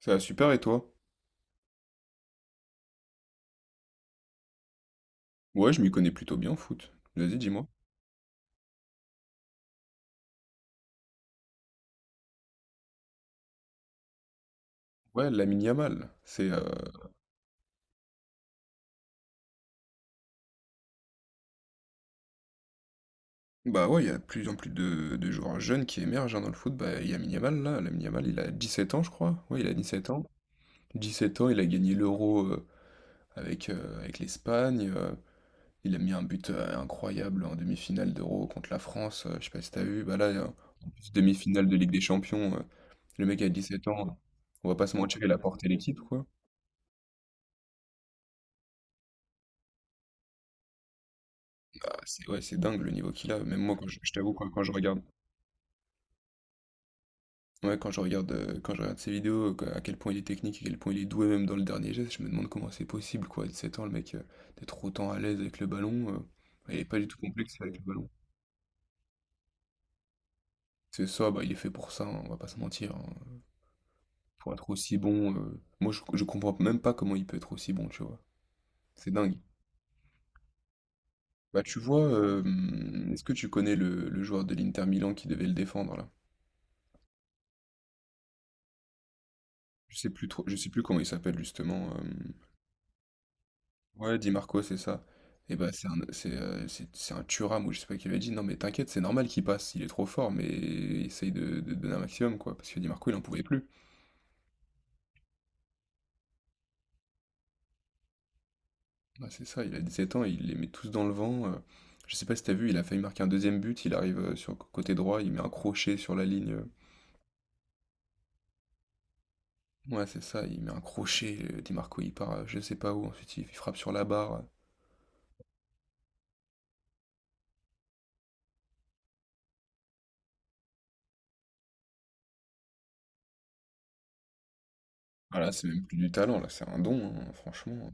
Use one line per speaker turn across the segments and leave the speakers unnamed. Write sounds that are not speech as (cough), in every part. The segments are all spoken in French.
Ça va super et toi? Ouais, je m'y connais plutôt bien en foot. Vas-y, dis-moi. Ouais, Lamine Yamal, c'est. Bah ouais, il y a de plus en plus de joueurs jeunes qui émergent hein, dans le foot. Bah, Lamine Yamal, là, Lamine Yamal, il a 17 ans, je crois. Ouais, il a 17 ans. 17 ans, il a gagné l'Euro avec l'Espagne. Il a mis un but incroyable en demi-finale d'Euro contre la France. Je sais pas si t'as vu. Bah là, en plus, demi-finale de Ligue des Champions, le mec a 17 ans. On va pas se mentir, il a porté l'équipe, quoi. Ah, c'est ouais, c'est dingue le niveau qu'il a. Même moi, quand je t'avoue, quoi, quand je regarde. Ouais, quand je regarde ses vidéos, que à quel point il est technique, à quel point il est doué même dans le dernier geste, je me demande comment c'est possible quoi, à 7 ans le mec, d'être autant à l'aise avec le ballon. Il est pas du tout complexe avec le ballon. C'est ça, bah, il est fait pour ça, hein, on va pas se mentir, hein, pour être aussi bon, moi je comprends même pas comment il peut être aussi bon, tu vois? C'est dingue. Bah, tu vois, est-ce que tu connais le joueur de l'Inter Milan qui devait le défendre là? Je sais plus comment il s'appelle justement, hem Ouais, Di Marco, c'est ça. Et bah, c'est un Thuram ou je sais pas qui avait dit, non mais t'inquiète, c'est normal qu'il passe, il est trop fort, mais essaye de donner un maximum, quoi. Parce que Di Marco, il en pouvait plus. Bah, c'est ça, il a 17 ans, il les met tous dans le vent. Je sais pas si t'as vu, il a failli marquer un deuxième but, il arrive sur le côté droit, il met un crochet sur la ligne. Ouais, c'est ça, il met un crochet, Di Marco, il part je sais pas où, ensuite il frappe sur la barre. Ah là, c'est même plus du talent, là, c'est un don, hein, franchement.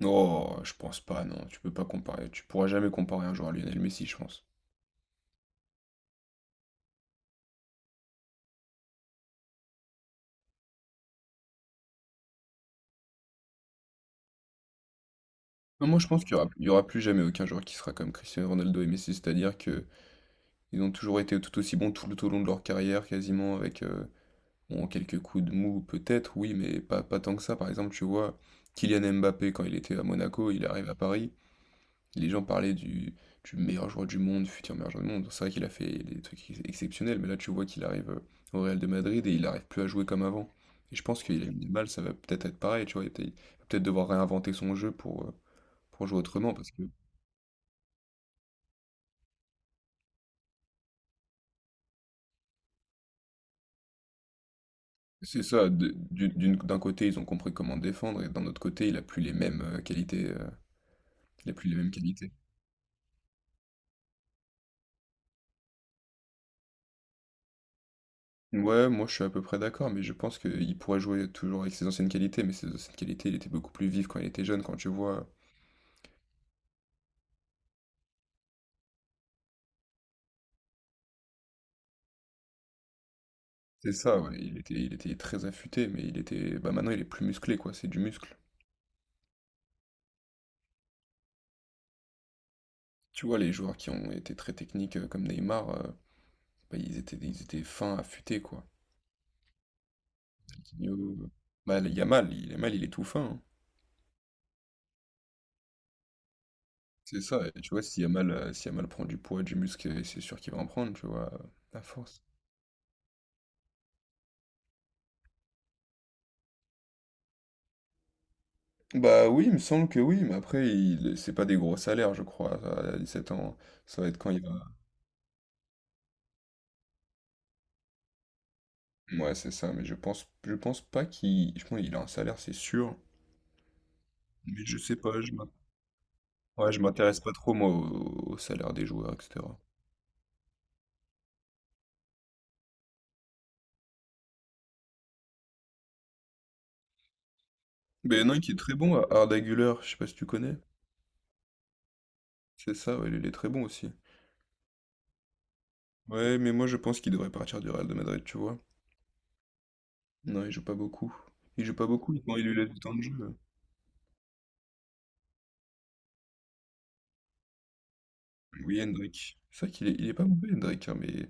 Non, je pense pas, non, tu peux pas comparer, tu pourras jamais comparer un joueur à Lionel Messi, je pense. Non, moi je pense qu'il y aura plus jamais aucun joueur qui sera comme Cristiano Ronaldo et Messi, c'est-à-dire que ils ont toujours été tout aussi bons tout au long de leur carrière, quasiment avec bon, quelques coups de mou peut-être, oui, mais pas tant que ça. Par exemple, tu vois, Kylian Mbappé quand il était à Monaco, il arrive à Paris, les gens parlaient du meilleur joueur du monde, futur meilleur joueur du monde. C'est vrai qu'il a fait des trucs exceptionnels, mais là tu vois qu'il arrive au Real de Madrid et il n'arrive plus à jouer comme avant. Et je pense qu'il a une mal, ça va peut-être être pareil, tu vois, il va peut-être devoir réinventer son jeu pour jouer autrement parce que. C'est ça, d'un côté, ils ont compris comment défendre, et d'un autre côté, il a plus les mêmes qualités, il a plus les mêmes qualités. Ouais, moi je suis à peu près d'accord, mais je pense qu'il pourrait jouer toujours avec ses anciennes qualités, mais ses anciennes qualités, il était beaucoup plus vif quand il était jeune, quand tu vois. C'est ça, ouais, il était très affûté, mais il était. Bah maintenant il est plus musclé, quoi, c'est du muscle. Tu vois, les joueurs qui ont été très techniques comme Neymar, bah, ils étaient fins, affûtés, quoi. Coutinho, euh, Bah, le Yamal, il est mal, il est tout fin, hein. C'est ça, et tu vois, si Yamal, si Yamal prend du poids, du muscle, c'est sûr qu'il va en prendre, tu vois, à force. Bah oui, il me semble que oui, mais après, c'est pas des gros salaires, je crois, à 17 ans. Ça va être quand il va. Ouais, c'est ça, mais je pense pas qu'il. Je pense qu'il a un salaire, c'est sûr. Mais je sais pas, ouais, je m'intéresse pas trop, moi, au salaire des joueurs, etc. Mais il y en a un qui est très bon, Arda Güler, je sais pas si tu connais. C'est ça, ouais, il est très bon aussi. Ouais, mais moi, je pense qu'il devrait partir du Real de Madrid, tu vois. Non, il joue pas beaucoup. Il joue pas beaucoup, quand il lui laisse du temps de jeu. Oui, Hendrick. C'est vrai qu'il est pas mauvais, Hendrick, hein, mais,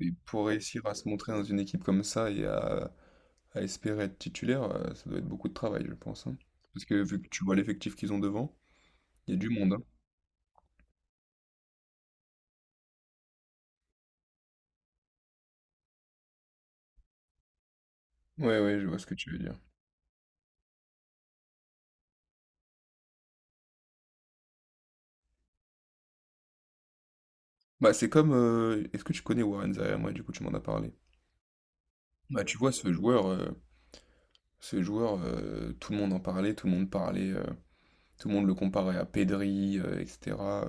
mais pour réussir à se montrer dans une équipe comme ça et à espérer être titulaire, ça doit être beaucoup de travail, je pense, hein. Parce que vu que tu vois l'effectif qu'ils ont devant, il y a du monde, hein. Ouais, ouais, je vois ce que tu veux dire. Bah, c'est comme, est-ce que tu connais Warren Zaïre? Moi, du coup, tu m'en as parlé. Bah, tu vois, ce joueur, tout le monde en parlait, tout le monde parlait, tout le monde le comparait à Pedri, etc.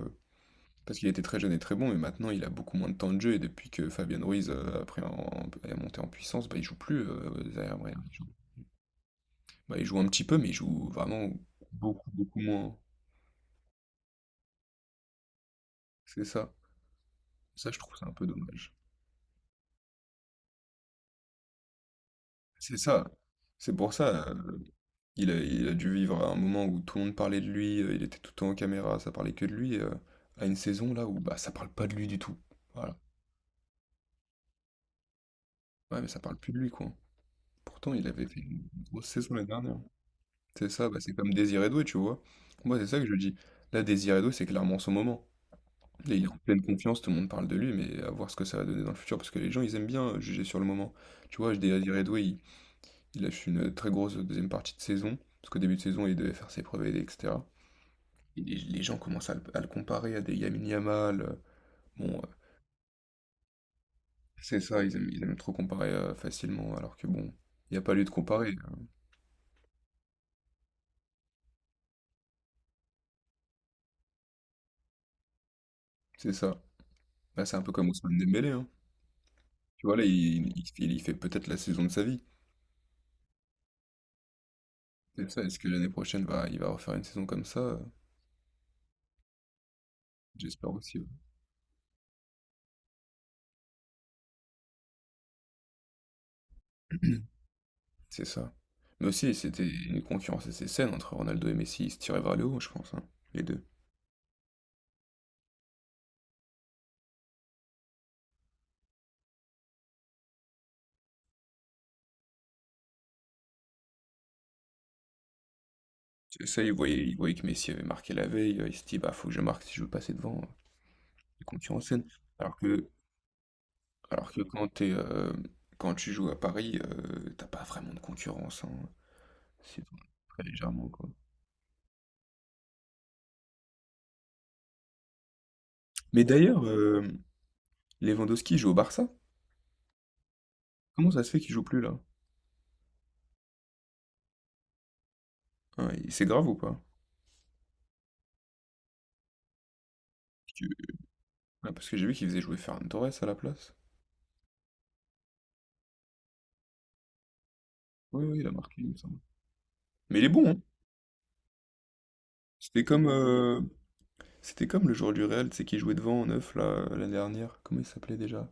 Parce qu'il était très jeune et très bon, mais maintenant il a beaucoup moins de temps de jeu. Et depuis que Fabien Ruiz est monté en puissance, bah, il joue plus derrière Brahim. Bah, il joue un petit peu, mais il joue vraiment beaucoup, beaucoup moins. C'est ça. Ça, je trouve ça un peu dommage. C'est ça. C'est pour ça. Il a dû vivre à un moment où tout le monde parlait de lui. Il était tout le temps en caméra, ça parlait que de lui. À une saison là où bah, ça parle pas de lui du tout. Voilà. Ouais, mais ça parle plus de lui, quoi. Pourtant, il avait fait une grosse saison l'année dernière. C'est ça, bah, c'est comme Désiré Doué, tu vois? Moi, c'est ça que je dis. Là, Désiré Doué, c'est clairement son moment. Là, il est en pleine confiance, tout le monde parle de lui, mais à voir ce que ça va donner dans le futur, parce que les gens, ils aiment bien juger sur le moment. Tu vois, Désiré Doué, il lâche une très grosse deuxième partie de saison, parce qu'au début de saison, il devait faire ses preuves, etc. Et les gens commencent à le comparer à des Lamine Yamal. Bon, c'est ça, ils aiment trop comparer facilement, alors que bon, il n'y a pas lieu de comparer, hein. C'est ça. Bah, c'est un peu comme Ousmane Dembélé, hein. Tu vois, là, il fait peut-être la saison de sa vie. C'est ça, est-ce que l'année prochaine il va refaire une saison comme ça? J'espère aussi. Ouais. (clears throat) C'est ça. Mais aussi, c'était une concurrence assez saine entre Ronaldo et Messi. Ils se tiraient vers le haut, je pense, hein, les deux. C'est ça, ils voyaient que Messi avait marqué la veille. Ils se disaient, bah, faut que je marque si je veux passer devant. Une concurrence saine. Alors que, alors que quand tu joues à Paris, t'as pas vraiment de concurrence, hein. C'est très légèrement, quoi. Mais d'ailleurs, Lewandowski joue au Barça. Comment ça se fait qu'il joue plus là? Hein, et c'est grave ou pas? Ah, parce que j'ai vu qu'il faisait jouer Ferran Torres à la place. Oui, oui, il a marqué, il me semble. Mais il est bon, hein. C'était comme, euh, c'était comme le joueur du Real, tu sais, qui jouait devant en neuf, là, l'année dernière. Comment il s'appelait déjà?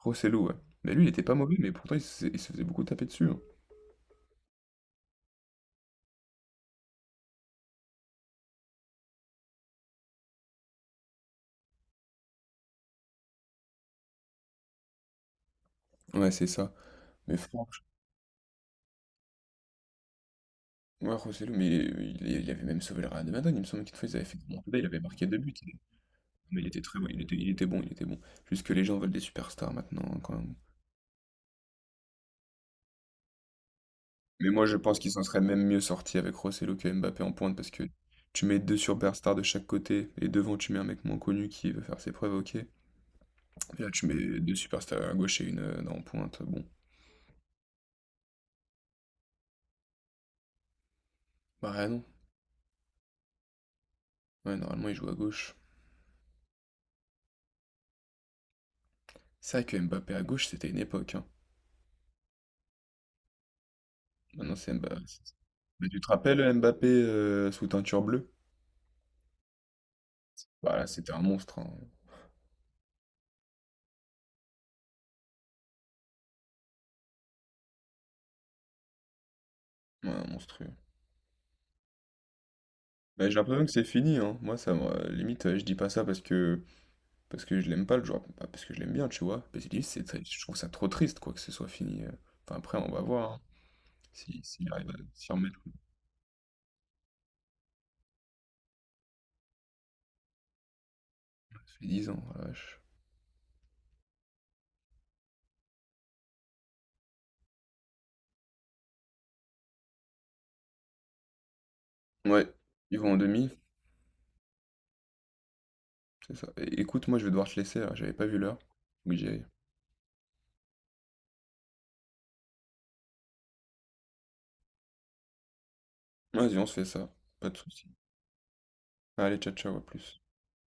Rosselló, ouais. Mais lui, il était pas mauvais, mais pourtant, il se faisait beaucoup taper dessus, hein. Ouais, c'est ça. Mais franchement, ouais, Rosselló, mais il avait même sauvé le Real de Madrid. Il me semble qu'une fois, ils avaient fait une remontada, il avait marqué deux buts. Mais il était très bon, il était bon, il était bon. Juste que les gens veulent des superstars maintenant, hein, quand même. Mais moi, je pense qu'ils s'en seraient même mieux sortis avec Rossello que Mbappé en pointe parce que tu mets deux superstars de chaque côté et devant, tu mets un mec moins connu qui veut faire ses preuves, ok. Et là, tu mets deux superstars à gauche et une en pointe. Bon, bah rien, non. Ouais, normalement, il joue à gauche. C'est vrai que Mbappé à gauche, c'était une époque, hein. Maintenant, c'est Mbappé. Mais tu te rappelles Mbappé sous teinture bleue? Bah là, c'était un monstre, hein. Ouais, un monstrueux. Bah, j'ai l'impression que c'est fini, hein. Moi, limite, je dis pas ça parce que. Parce que je l'aime pas le joueur, pas parce que je l'aime bien, tu vois. Basili, c'est, je trouve ça trop triste, quoi, que ce soit fini. Enfin, après, on va voir, hein, si, s'il arrive à s'y remettre, quoi. Ça fait 10 ans, oh la vache. Ouais, ils vont en demi, c'est ça. Écoute, moi, je vais devoir te laisser, là, j'avais pas vu l'heure. Oui, j'y aille. Vas-y, on se fait ça, pas de soucis. Allez, ciao, ciao, à plus.